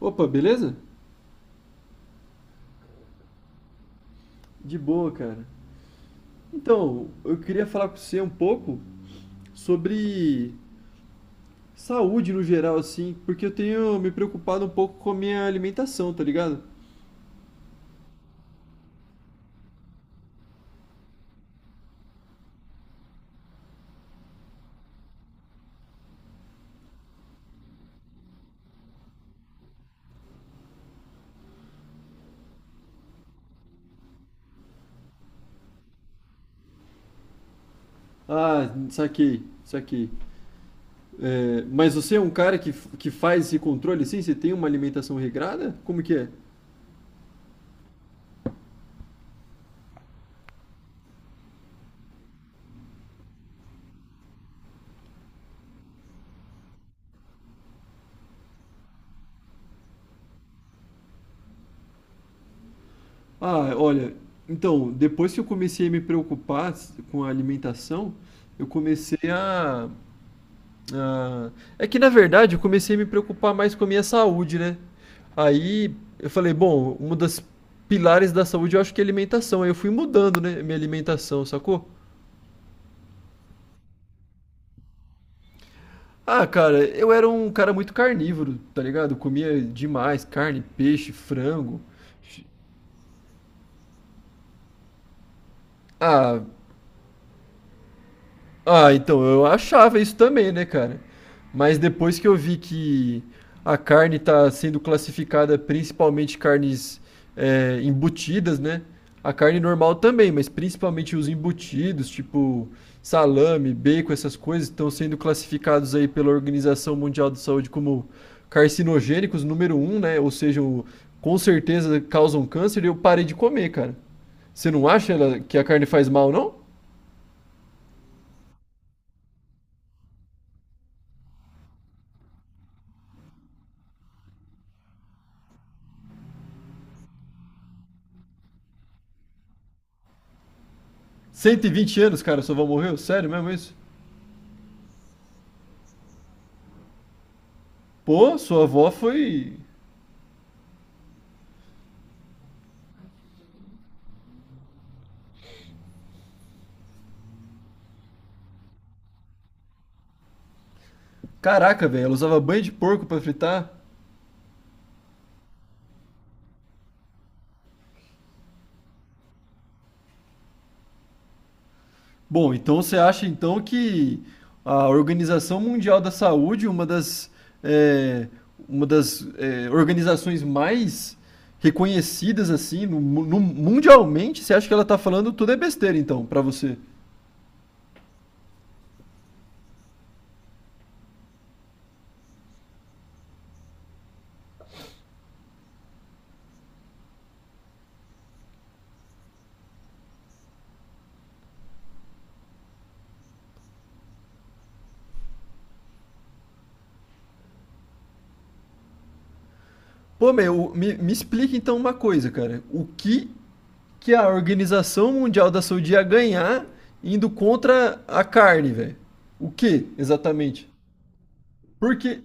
Opa, beleza? De boa, cara. Então, eu queria falar com você um pouco sobre saúde no geral, assim, porque eu tenho me preocupado um pouco com a minha alimentação, tá ligado? Ah, saquei, saquei. É, mas você é um cara que faz esse controle, assim? Você tem uma alimentação regrada? Como que é? Ah, olha, então, depois que eu comecei a me preocupar com a alimentação, eu comecei a Ah, é que na verdade eu comecei a me preocupar mais com a minha saúde, né? Aí eu falei, bom, um dos pilares da saúde eu acho que é alimentação. Aí eu fui mudando, né, minha alimentação, sacou? Ah, cara, eu era um cara muito carnívoro, tá ligado? Eu comia demais carne, peixe, frango. Ah, Ah, então, eu achava isso também, né, cara? Mas depois que eu vi que a carne tá sendo classificada principalmente carnes embutidas, né? A carne normal também, mas principalmente os embutidos, tipo salame, bacon, essas coisas, estão sendo classificados aí pela Organização Mundial de Saúde como carcinogênicos número 1, né? Ou seja, com certeza causam câncer e eu parei de comer, cara. Você não acha que a carne faz mal, não? 120 anos, cara, sua avó morreu? Sério mesmo isso? Pô, sua avó foi. Caraca, velho, ela usava banho de porco pra fritar? Bom, então você acha então que a Organização Mundial da Saúde, uma é, uma das organizações mais reconhecidas assim mundialmente, você acha que ela tá falando tudo é besteira então, pra você? Pô, me explica então uma coisa, cara. O que que a Organização Mundial da Saúde ia ganhar indo contra a carne, velho. O que exatamente? Porque.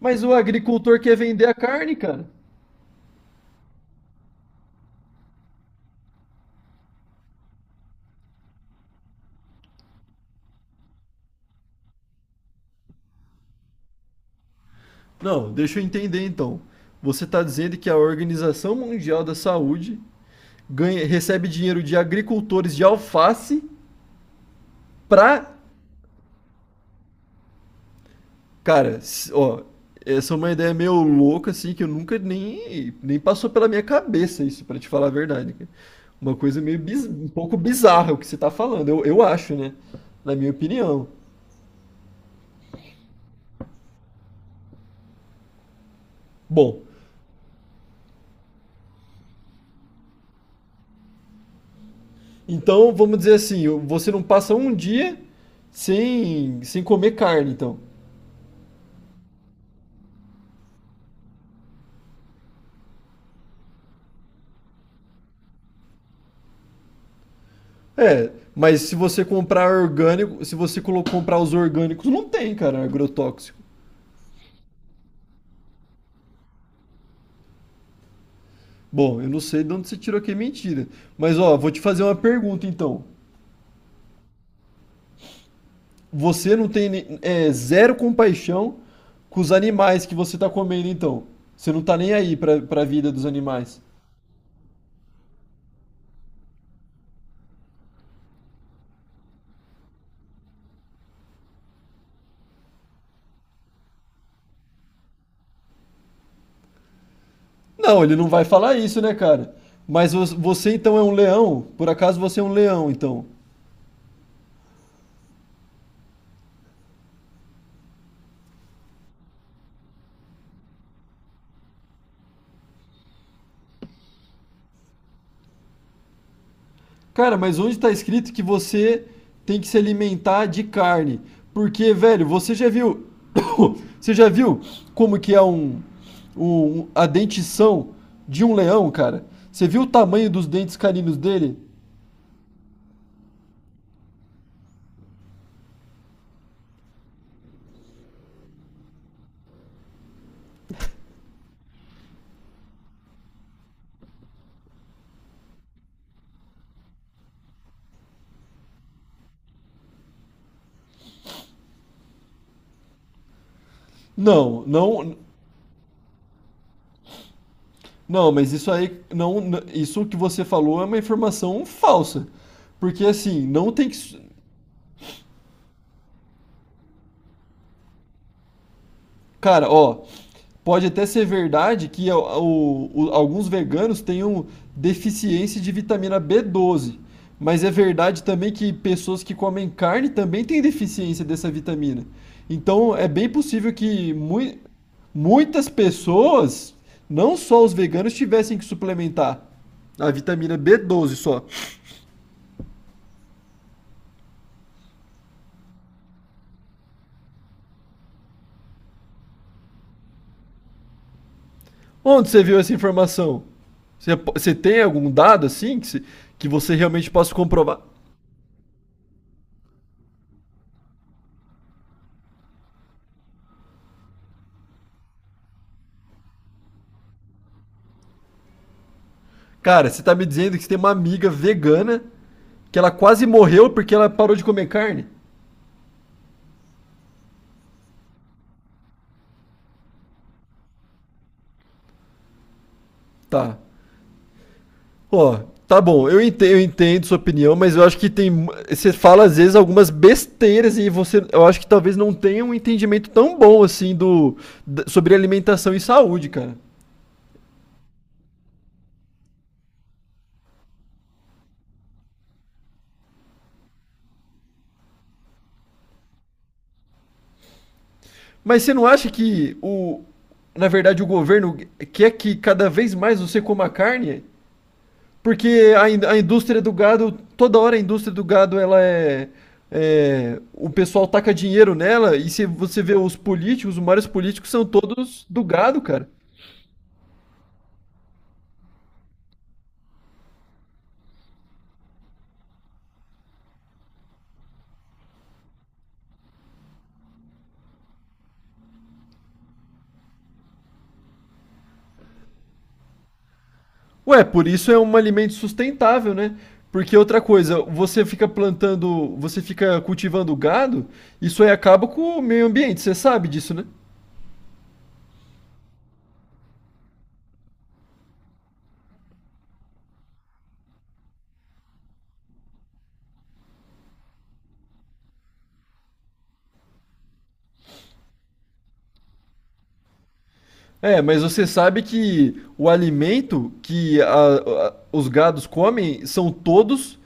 Mas o agricultor quer vender a carne, cara. Não, deixa eu entender então. Você está dizendo que a Organização Mundial da Saúde recebe dinheiro de agricultores de alface para. Cara, ó, essa é uma ideia meio louca, assim, que eu nunca nem passou pela minha cabeça isso, pra te falar a verdade, cara. Uma coisa um pouco bizarra o que você tá falando, eu acho, né? Na minha opinião. Bom, então vamos dizer assim, você não passa um dia sem comer carne, então. É, mas se você comprar orgânico, se você comprar os orgânicos, não tem, cara, agrotóxico. Bom, eu não sei de onde você tirou que é mentira. Mas ó, vou te fazer uma pergunta então. Você não tem zero compaixão com os animais que você tá comendo, então. Você não tá nem aí pra vida dos animais. Não, ele não vai falar isso, né, cara? Mas você então é um leão? Por acaso você é um leão, então? Cara, mas onde tá escrito que você tem que se alimentar de carne? Porque, velho, você já viu. Você já viu como que é um- a dentição de um leão, cara? Você viu o tamanho dos dentes caninos dele? Não, não. Não, mas isso aí não, n- isso que você falou é uma informação falsa. Porque assim, não tem cara, ó, pode até ser verdade que alguns veganos tenham deficiência de vitamina B12, mas é verdade também que pessoas que comem carne também têm deficiência dessa vitamina. Então, é bem possível que muitas pessoas, não só os veganos, tivessem que suplementar a vitamina B12 só. Onde você viu essa informação? Você tem algum dado assim que, se- que você realmente possa comprovar? Cara, você tá me dizendo que você tem uma amiga vegana que ela quase morreu porque ela parou de comer carne? Tá. Ó, tá bom, eu entendo sua opinião, mas eu acho que tem. Você fala às vezes algumas besteiras e você. Eu acho que talvez não tenha um entendimento tão bom assim do. Sobre alimentação e saúde, cara. Mas você não acha que o, na verdade, o governo quer que cada vez mais você coma carne? Porque a indústria do gado, toda hora a indústria do gado, o pessoal taca dinheiro nela, e se você vê os políticos, os maiores políticos são todos do gado, cara. Ué, por isso é um alimento sustentável, né? Porque outra coisa, você fica plantando, você fica cultivando gado, isso aí acaba com o meio ambiente, você sabe disso, né? É, mas você sabe que o alimento que os gados comem são todos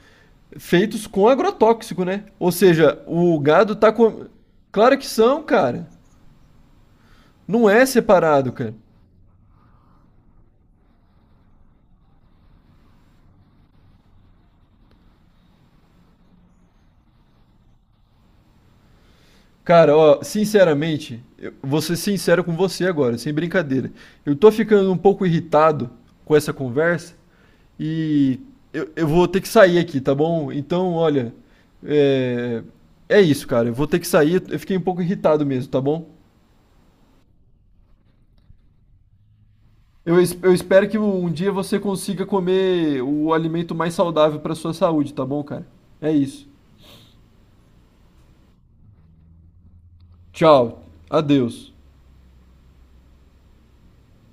feitos com agrotóxico, né? Ou seja, o gado tá com. Claro que são, cara. Não é separado, cara. Cara, ó, sinceramente, eu vou ser sincero com você agora, sem brincadeira. Eu tô ficando um pouco irritado com essa conversa e eu vou ter que sair aqui, tá bom? Então, olha, é, é isso, cara. Eu vou ter que sair. Eu fiquei um pouco irritado mesmo, tá bom? Eu espero que um dia você consiga comer o alimento mais saudável pra sua saúde, tá bom, cara? É isso. Tchau. Adeus.